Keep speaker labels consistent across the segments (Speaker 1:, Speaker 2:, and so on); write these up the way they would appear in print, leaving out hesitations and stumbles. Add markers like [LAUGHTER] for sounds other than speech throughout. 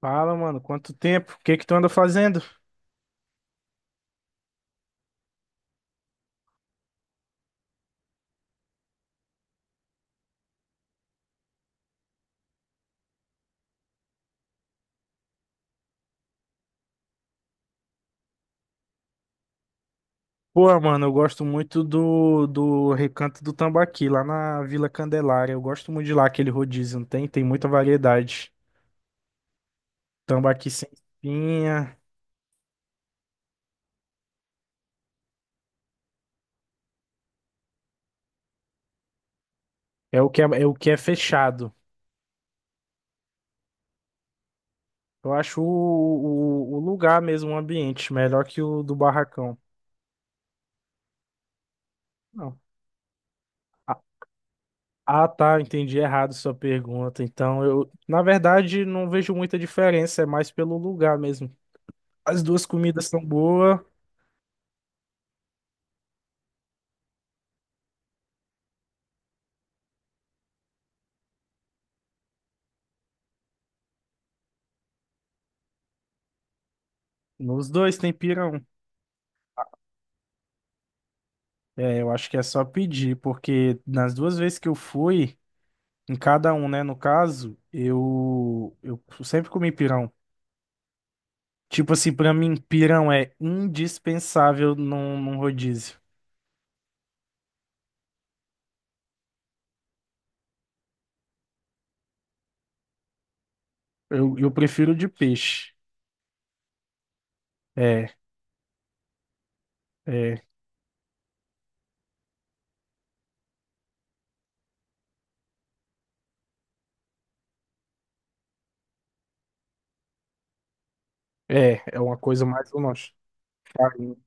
Speaker 1: Fala, mano, quanto tempo? O que que tu anda fazendo? Pô, mano, eu gosto muito do Recanto do Tambaqui, lá na Vila Candelária. Eu gosto muito de lá, aquele rodízio, não tem? Tem muita variedade. Tambaqui sem espinha, é o que é, é o que é fechado. Eu acho o lugar mesmo, o ambiente, melhor que o do Barracão. Não. Ah, ah, tá, eu entendi errado sua pergunta. Então, eu, na verdade, não vejo muita diferença, é mais pelo lugar mesmo. As duas comidas são boas. Nos dois tem pirão. É, eu acho que é só pedir, porque nas duas vezes que eu fui, em cada um, né, no caso, eu sempre comi pirão. Tipo assim, pra mim, pirão é indispensável num rodízio. Eu prefiro de peixe. É, é, é uma coisa mais ou menos. Carne.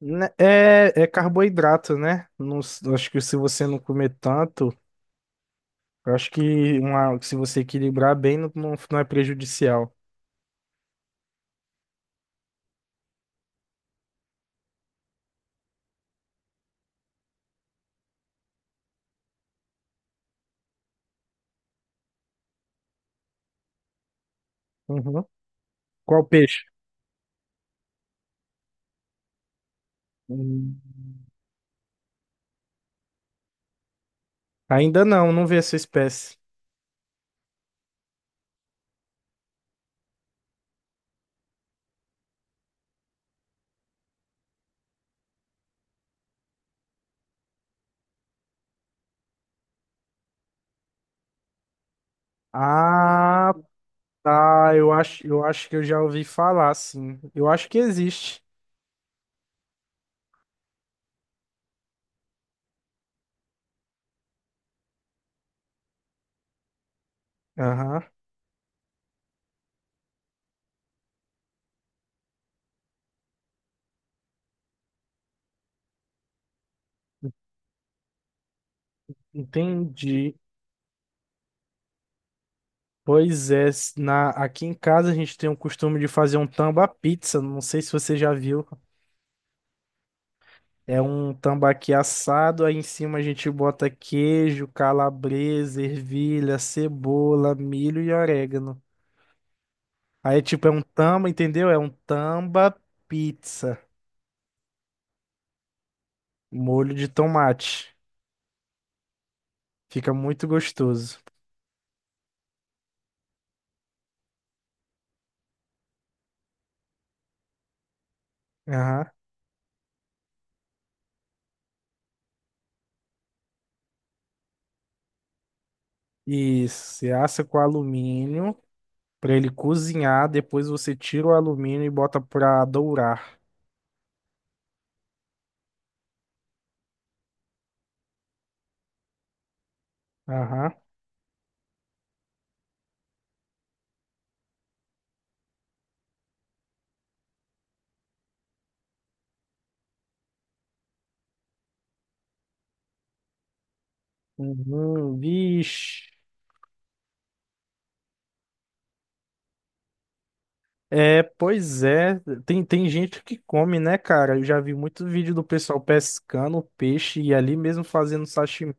Speaker 1: Né, é, é carboidrato, né? Acho que se você não comer tanto, eu acho que uma, se você equilibrar bem, não, não é prejudicial. Uhum. Qual peixe? Hum. Ainda não, não vi essa espécie. Ah, tá. Eu acho que eu já ouvi falar, sim. Eu acho que existe. Aham. Entendi. Pois é, na, aqui em casa a gente tem o costume de fazer um tamba pizza, não sei se você já viu. É um tambaqui assado, aí em cima a gente bota queijo, calabresa, ervilha, cebola, milho e orégano. Aí é um tamba, entendeu? É um tamba pizza, molho de tomate. Fica muito gostoso. Aham. Isso, você assa com alumínio para ele cozinhar, depois você tira o alumínio e bota para dourar. Aham. Uhum. Vixe. É, pois é. Tem gente que come, né, cara? Eu já vi muito vídeo do pessoal pescando peixe e ali mesmo fazendo sashimi.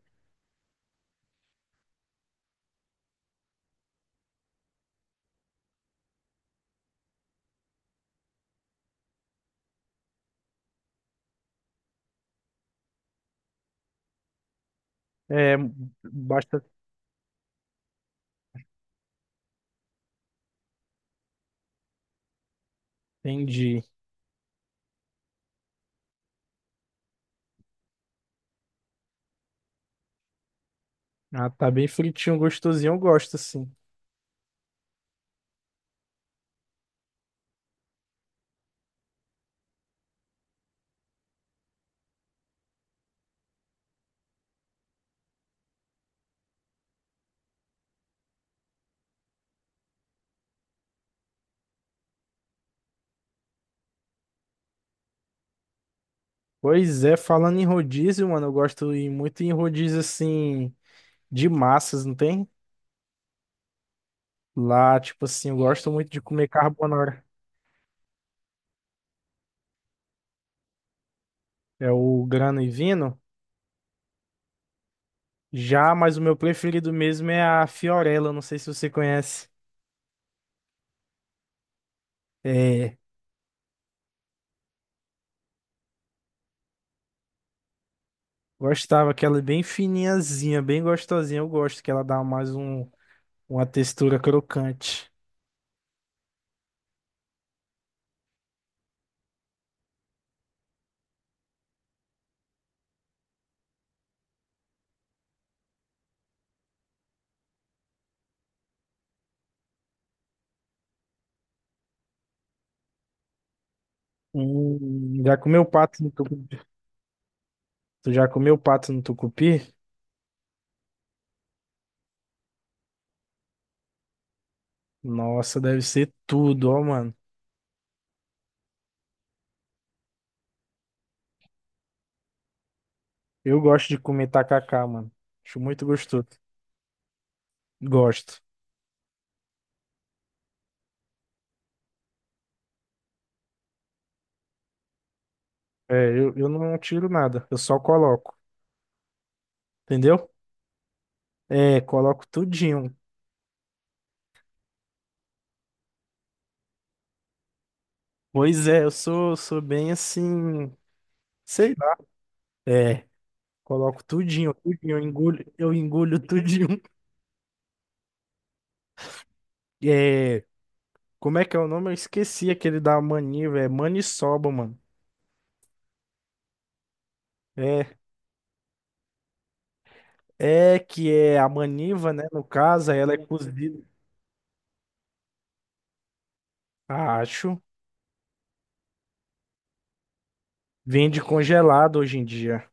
Speaker 1: É, basta. Entendi. Ah, tá bem fritinho, gostosinho. Eu gosto, assim. Pois é, falando em rodízio, mano, eu gosto e muito em rodízio, assim, de massas, não tem? Lá, tipo assim, eu gosto muito de comer carbonara. É o grano e vino. Já, mas o meu preferido mesmo é a Fiorella, não sei se você conhece. É, gostava que ela é bem fininhazinha, bem gostosinha. Eu gosto que ela dá mais um, uma textura crocante. Já comeu pato no tucupi? Tu já comeu pato no tucupi? Nossa, deve ser tudo, ó, mano. Eu gosto de comer tacacá, mano. Acho muito gostoso. Gosto. É, eu não tiro nada, eu só coloco, entendeu? É, coloco tudinho. Pois é, eu sou bem assim. Sei lá. É, coloco tudinho, tudinho, eu engulho tudinho. [LAUGHS] É, como é que é o nome? Eu esqueci aquele da maniva, é maniçoba, mano. É, é que é a maniva, né? No caso, aí ela é cozida. Acho. Vende congelado hoje em dia.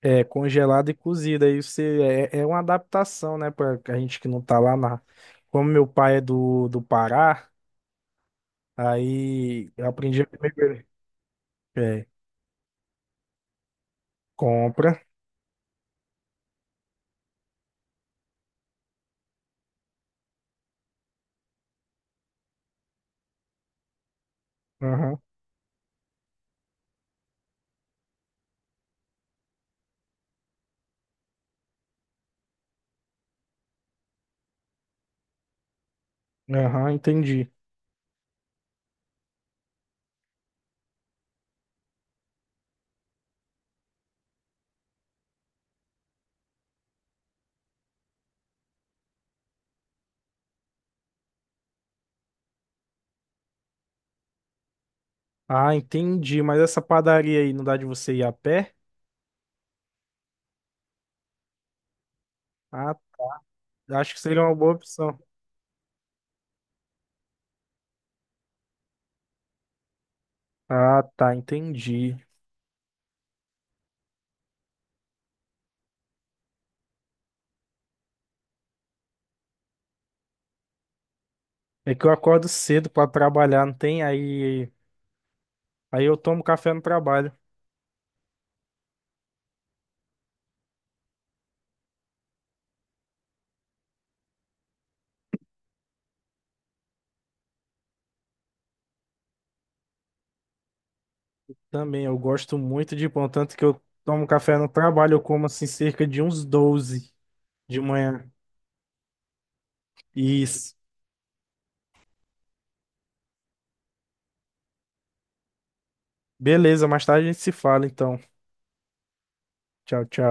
Speaker 1: É, congelado e cozida. Aí você, é, é uma adaptação, né? Pra a gente que não tá lá na. Como meu pai é do Pará, aí eu aprendi a comer. É, compra. Aham, aham, entendi. Ah, entendi. Mas essa padaria aí não dá de você ir a pé? Ah, acho que seria uma boa opção. Ah, tá, entendi. É que eu acordo cedo pra trabalhar, não tem? Aí eu tomo café no trabalho também. Eu gosto muito de pão, tanto que eu tomo café no trabalho, eu como assim cerca de uns 12 de manhã. Isso. Beleza, mais tarde a gente se fala então. Tchau, tchau.